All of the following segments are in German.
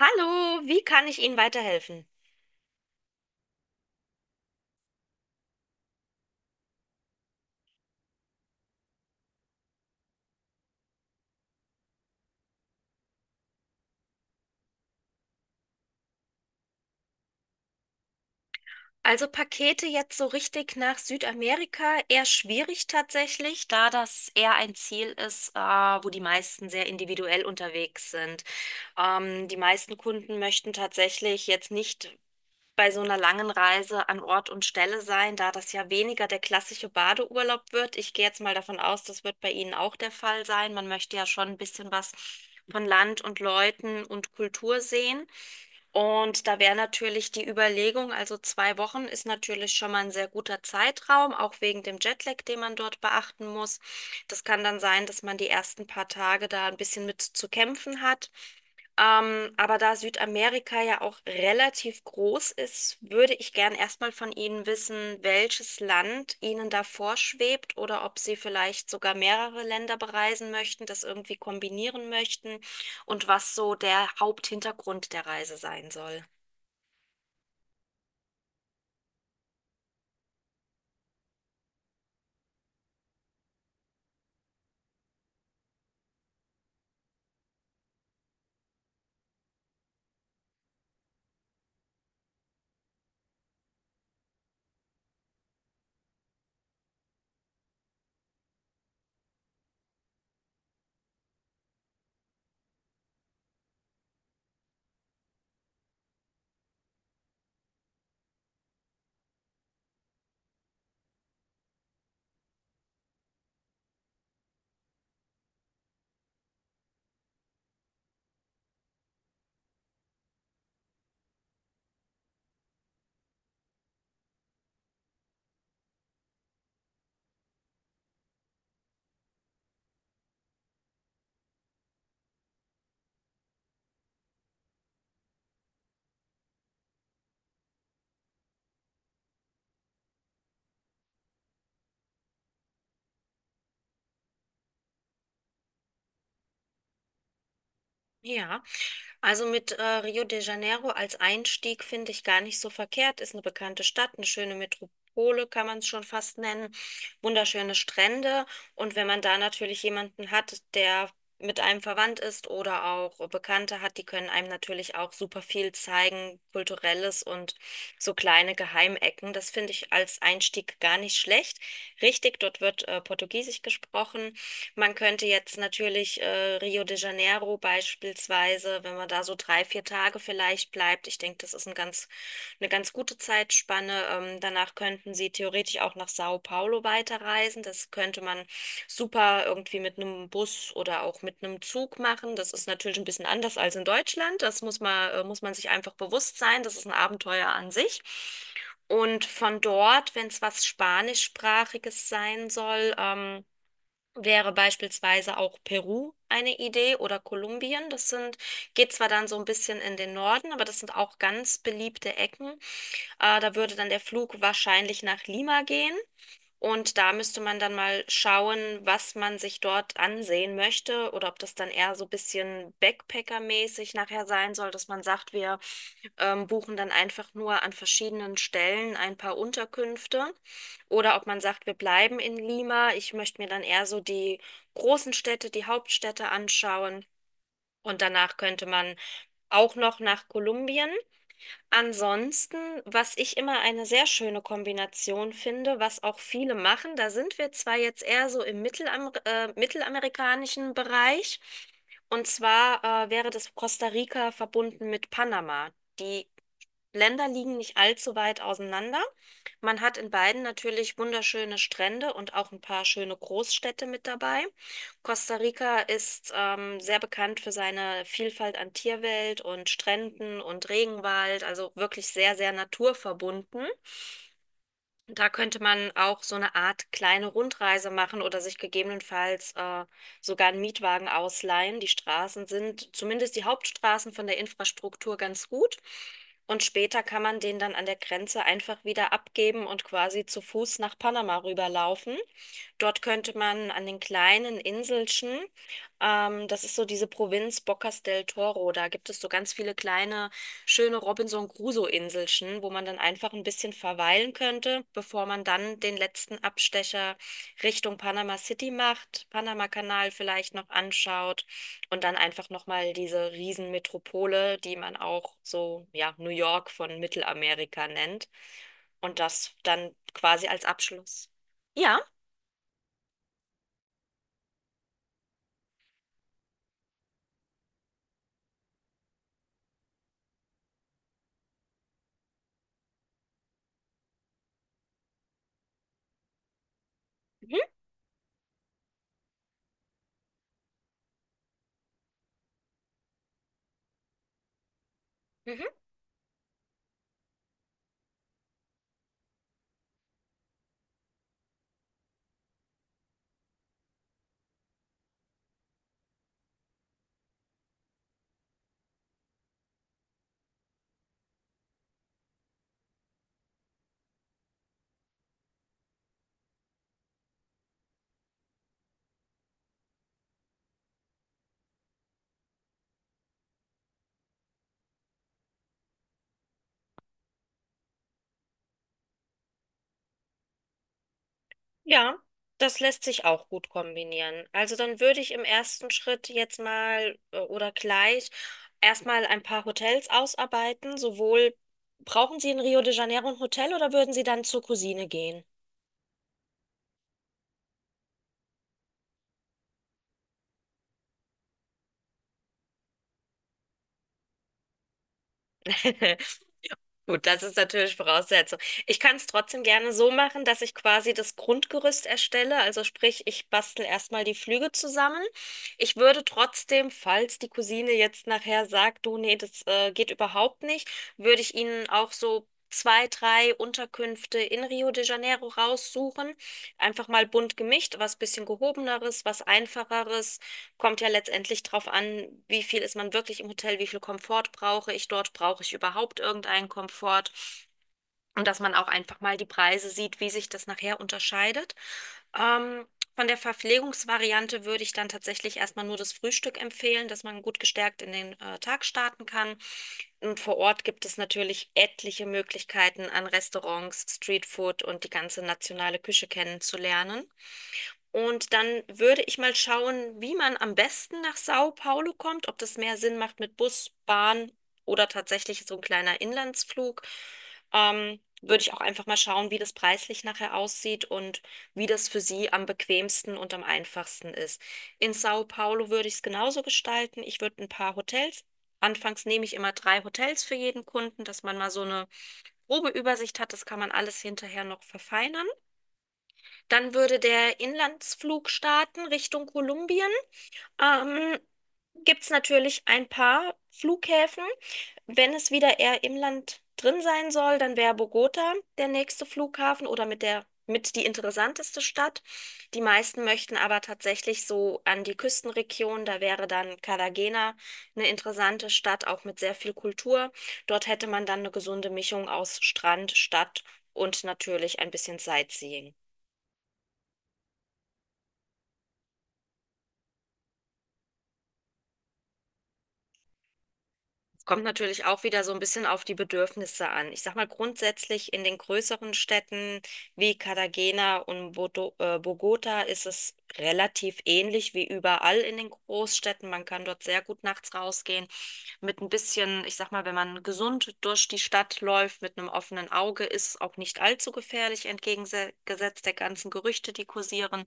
Hallo, wie kann ich Ihnen weiterhelfen? Also Pakete jetzt so richtig nach Südamerika eher schwierig tatsächlich, da das eher ein Ziel ist, wo die meisten sehr individuell unterwegs sind. Die meisten Kunden möchten tatsächlich jetzt nicht bei so einer langen Reise an Ort und Stelle sein, da das ja weniger der klassische Badeurlaub wird. Ich gehe jetzt mal davon aus, das wird bei Ihnen auch der Fall sein. Man möchte ja schon ein bisschen was von Land und Leuten und Kultur sehen. Und da wäre natürlich die Überlegung, also 2 Wochen ist natürlich schon mal ein sehr guter Zeitraum, auch wegen dem Jetlag, den man dort beachten muss. Das kann dann sein, dass man die ersten paar Tage da ein bisschen mit zu kämpfen hat. Aber da Südamerika ja auch relativ groß ist, würde ich gern erstmal von Ihnen wissen, welches Land Ihnen da vorschwebt oder ob Sie vielleicht sogar mehrere Länder bereisen möchten, das irgendwie kombinieren möchten und was so der Haupthintergrund der Reise sein soll. Ja, also mit Rio de Janeiro als Einstieg finde ich gar nicht so verkehrt. Ist eine bekannte Stadt, eine schöne Metropole, kann man es schon fast nennen. Wunderschöne Strände. Und wenn man da natürlich jemanden hat, der mit einem verwandt ist oder auch Bekannte hat, die können einem natürlich auch super viel zeigen, kulturelles und so kleine Geheimecken. Das finde ich als Einstieg gar nicht schlecht. Richtig, dort wird Portugiesisch gesprochen. Man könnte jetzt natürlich Rio de Janeiro beispielsweise, wenn man da so 3, 4 Tage vielleicht bleibt, ich denke, das ist eine ganz gute Zeitspanne. Danach könnten Sie theoretisch auch nach Sao Paulo weiterreisen. Das könnte man super irgendwie mit einem Bus oder auch mit einem Zug machen. Das ist natürlich ein bisschen anders als in Deutschland. Das muss man sich einfach bewusst sein. Das ist ein Abenteuer an sich. Und von dort, wenn es was Spanischsprachiges sein soll, wäre beispielsweise auch Peru eine Idee oder Kolumbien. Das sind, geht zwar dann so ein bisschen in den Norden, aber das sind auch ganz beliebte Ecken. Da würde dann der Flug wahrscheinlich nach Lima gehen. Und da müsste man dann mal schauen, was man sich dort ansehen möchte oder ob das dann eher so ein bisschen Backpacker-mäßig nachher sein soll, dass man sagt, wir buchen dann einfach nur an verschiedenen Stellen ein paar Unterkünfte. Oder ob man sagt, wir bleiben in Lima. Ich möchte mir dann eher so die großen Städte, die Hauptstädte anschauen. Und danach könnte man auch noch nach Kolumbien. Ansonsten, was ich immer eine sehr schöne Kombination finde, was auch viele machen, da sind wir zwar jetzt eher so im mittelamerikanischen Bereich, und zwar wäre das Costa Rica verbunden mit Panama. Die Länder liegen nicht allzu weit auseinander. Man hat in beiden natürlich wunderschöne Strände und auch ein paar schöne Großstädte mit dabei. Costa Rica ist sehr bekannt für seine Vielfalt an Tierwelt und Stränden und Regenwald, also wirklich sehr, sehr naturverbunden. Da könnte man auch so eine Art kleine Rundreise machen oder sich gegebenenfalls sogar einen Mietwagen ausleihen. Die Straßen sind, zumindest die Hauptstraßen von der Infrastruktur, ganz gut. Und später kann man den dann an der Grenze einfach wieder abgeben und quasi zu Fuß nach Panama rüberlaufen. Dort könnte man an den kleinen Inselchen, das ist so diese Provinz Bocas del Toro, da gibt es so ganz viele kleine, schöne Robinson Crusoe-Inselchen, wo man dann einfach ein bisschen verweilen könnte, bevor man dann den letzten Abstecher Richtung Panama City macht, Panama-Kanal vielleicht noch anschaut und dann einfach nochmal diese Riesenmetropole, die man auch so, ja, New York von Mittelamerika nennt und das dann quasi als Abschluss. Ja. Mhm. Mhm. Ja, das lässt sich auch gut kombinieren. Also dann würde ich im ersten Schritt jetzt mal oder gleich erstmal ein paar Hotels ausarbeiten. Sowohl brauchen Sie in Rio de Janeiro ein Hotel oder würden Sie dann zur Cousine gehen? Gut, das ist natürlich Voraussetzung. Ich kann es trotzdem gerne so machen, dass ich quasi das Grundgerüst erstelle. Also sprich, ich bastel erstmal die Flüge zusammen. Ich würde trotzdem, falls die Cousine jetzt nachher sagt, du, nee, das geht überhaupt nicht, würde ich Ihnen auch so zwei, drei Unterkünfte in Rio de Janeiro raussuchen. Einfach mal bunt gemischt, was bisschen gehobeneres, was einfacheres. Kommt ja letztendlich drauf an, wie viel ist man wirklich im Hotel, wie viel Komfort brauche ich dort, brauche ich überhaupt irgendeinen Komfort und dass man auch einfach mal die Preise sieht, wie sich das nachher unterscheidet. Ähm, von der Verpflegungsvariante würde ich dann tatsächlich erstmal nur das Frühstück empfehlen, dass man gut gestärkt in den Tag starten kann. Und vor Ort gibt es natürlich etliche Möglichkeiten an Restaurants, Streetfood und die ganze nationale Küche kennenzulernen. Und dann würde ich mal schauen, wie man am besten nach Sao Paulo kommt, ob das mehr Sinn macht mit Bus, Bahn oder tatsächlich so ein kleiner Inlandsflug. Würde ich auch einfach mal schauen, wie das preislich nachher aussieht und wie das für Sie am bequemsten und am einfachsten ist. In Sao Paulo würde ich es genauso gestalten. Ich würde ein paar Hotels. Anfangs nehme ich immer drei Hotels für jeden Kunden, dass man mal so eine grobe Übersicht hat. Das kann man alles hinterher noch verfeinern. Dann würde der Inlandsflug starten Richtung Kolumbien. Ähm, gibt es natürlich ein paar Flughäfen. Wenn es wieder eher im Land drin sein soll, dann wäre Bogota der nächste Flughafen oder mit die interessanteste Stadt. Die meisten möchten aber tatsächlich so an die Küstenregion. Da wäre dann Cartagena eine interessante Stadt, auch mit sehr viel Kultur. Dort hätte man dann eine gesunde Mischung aus Strand, Stadt und natürlich ein bisschen Sightseeing. Es kommt natürlich auch wieder so ein bisschen auf die Bedürfnisse an. Ich sag mal grundsätzlich in den größeren Städten wie Cartagena und Bogota ist es relativ ähnlich wie überall in den Großstädten. Man kann dort sehr gut nachts rausgehen mit ein bisschen, ich sag mal, wenn man gesund durch die Stadt läuft, mit einem offenen Auge, ist es auch nicht allzu gefährlich, entgegengesetzt der ganzen Gerüchte, die kursieren.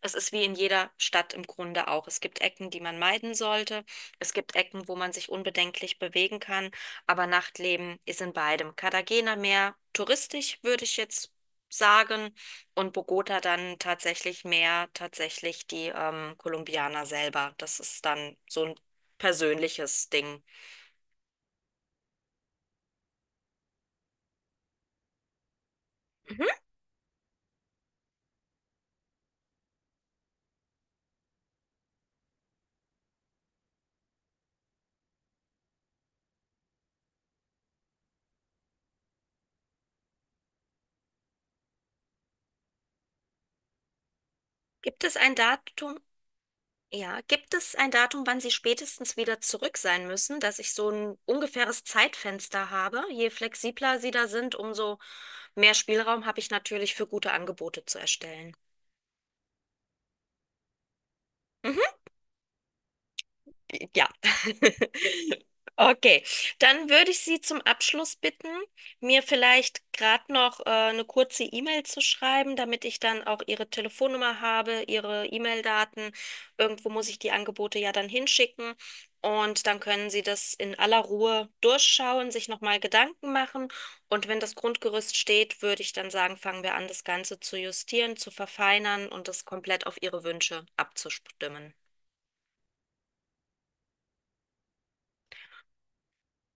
Es ist wie in jeder Stadt im Grunde auch. Es gibt Ecken, die man meiden sollte. Es gibt Ecken, wo man sich unbedenklich bewegen kann, aber Nachtleben ist in beidem. Cartagena mehr touristisch, würde ich jetzt sagen, und Bogota dann tatsächlich mehr tatsächlich die Kolumbianer selber. Das ist dann so ein persönliches Ding. Mhm. Gibt es ein Datum? Ja, gibt es ein Datum, wann Sie spätestens wieder zurück sein müssen, dass ich so ein ungefähres Zeitfenster habe? Je flexibler Sie da sind, umso mehr Spielraum habe ich natürlich für gute Angebote zu erstellen. Ja. Okay, dann würde ich Sie zum Abschluss bitten, mir vielleicht gerade noch eine kurze E-Mail zu schreiben, damit ich dann auch Ihre Telefonnummer habe, Ihre E-Mail-Daten. Irgendwo muss ich die Angebote ja dann hinschicken und dann können Sie das in aller Ruhe durchschauen, sich nochmal Gedanken machen und wenn das Grundgerüst steht, würde ich dann sagen, fangen wir an, das Ganze zu justieren, zu verfeinern und das komplett auf Ihre Wünsche abzustimmen.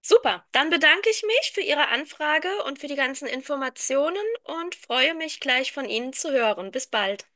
Super, dann bedanke ich mich für Ihre Anfrage und für die ganzen Informationen und freue mich gleich von Ihnen zu hören. Bis bald.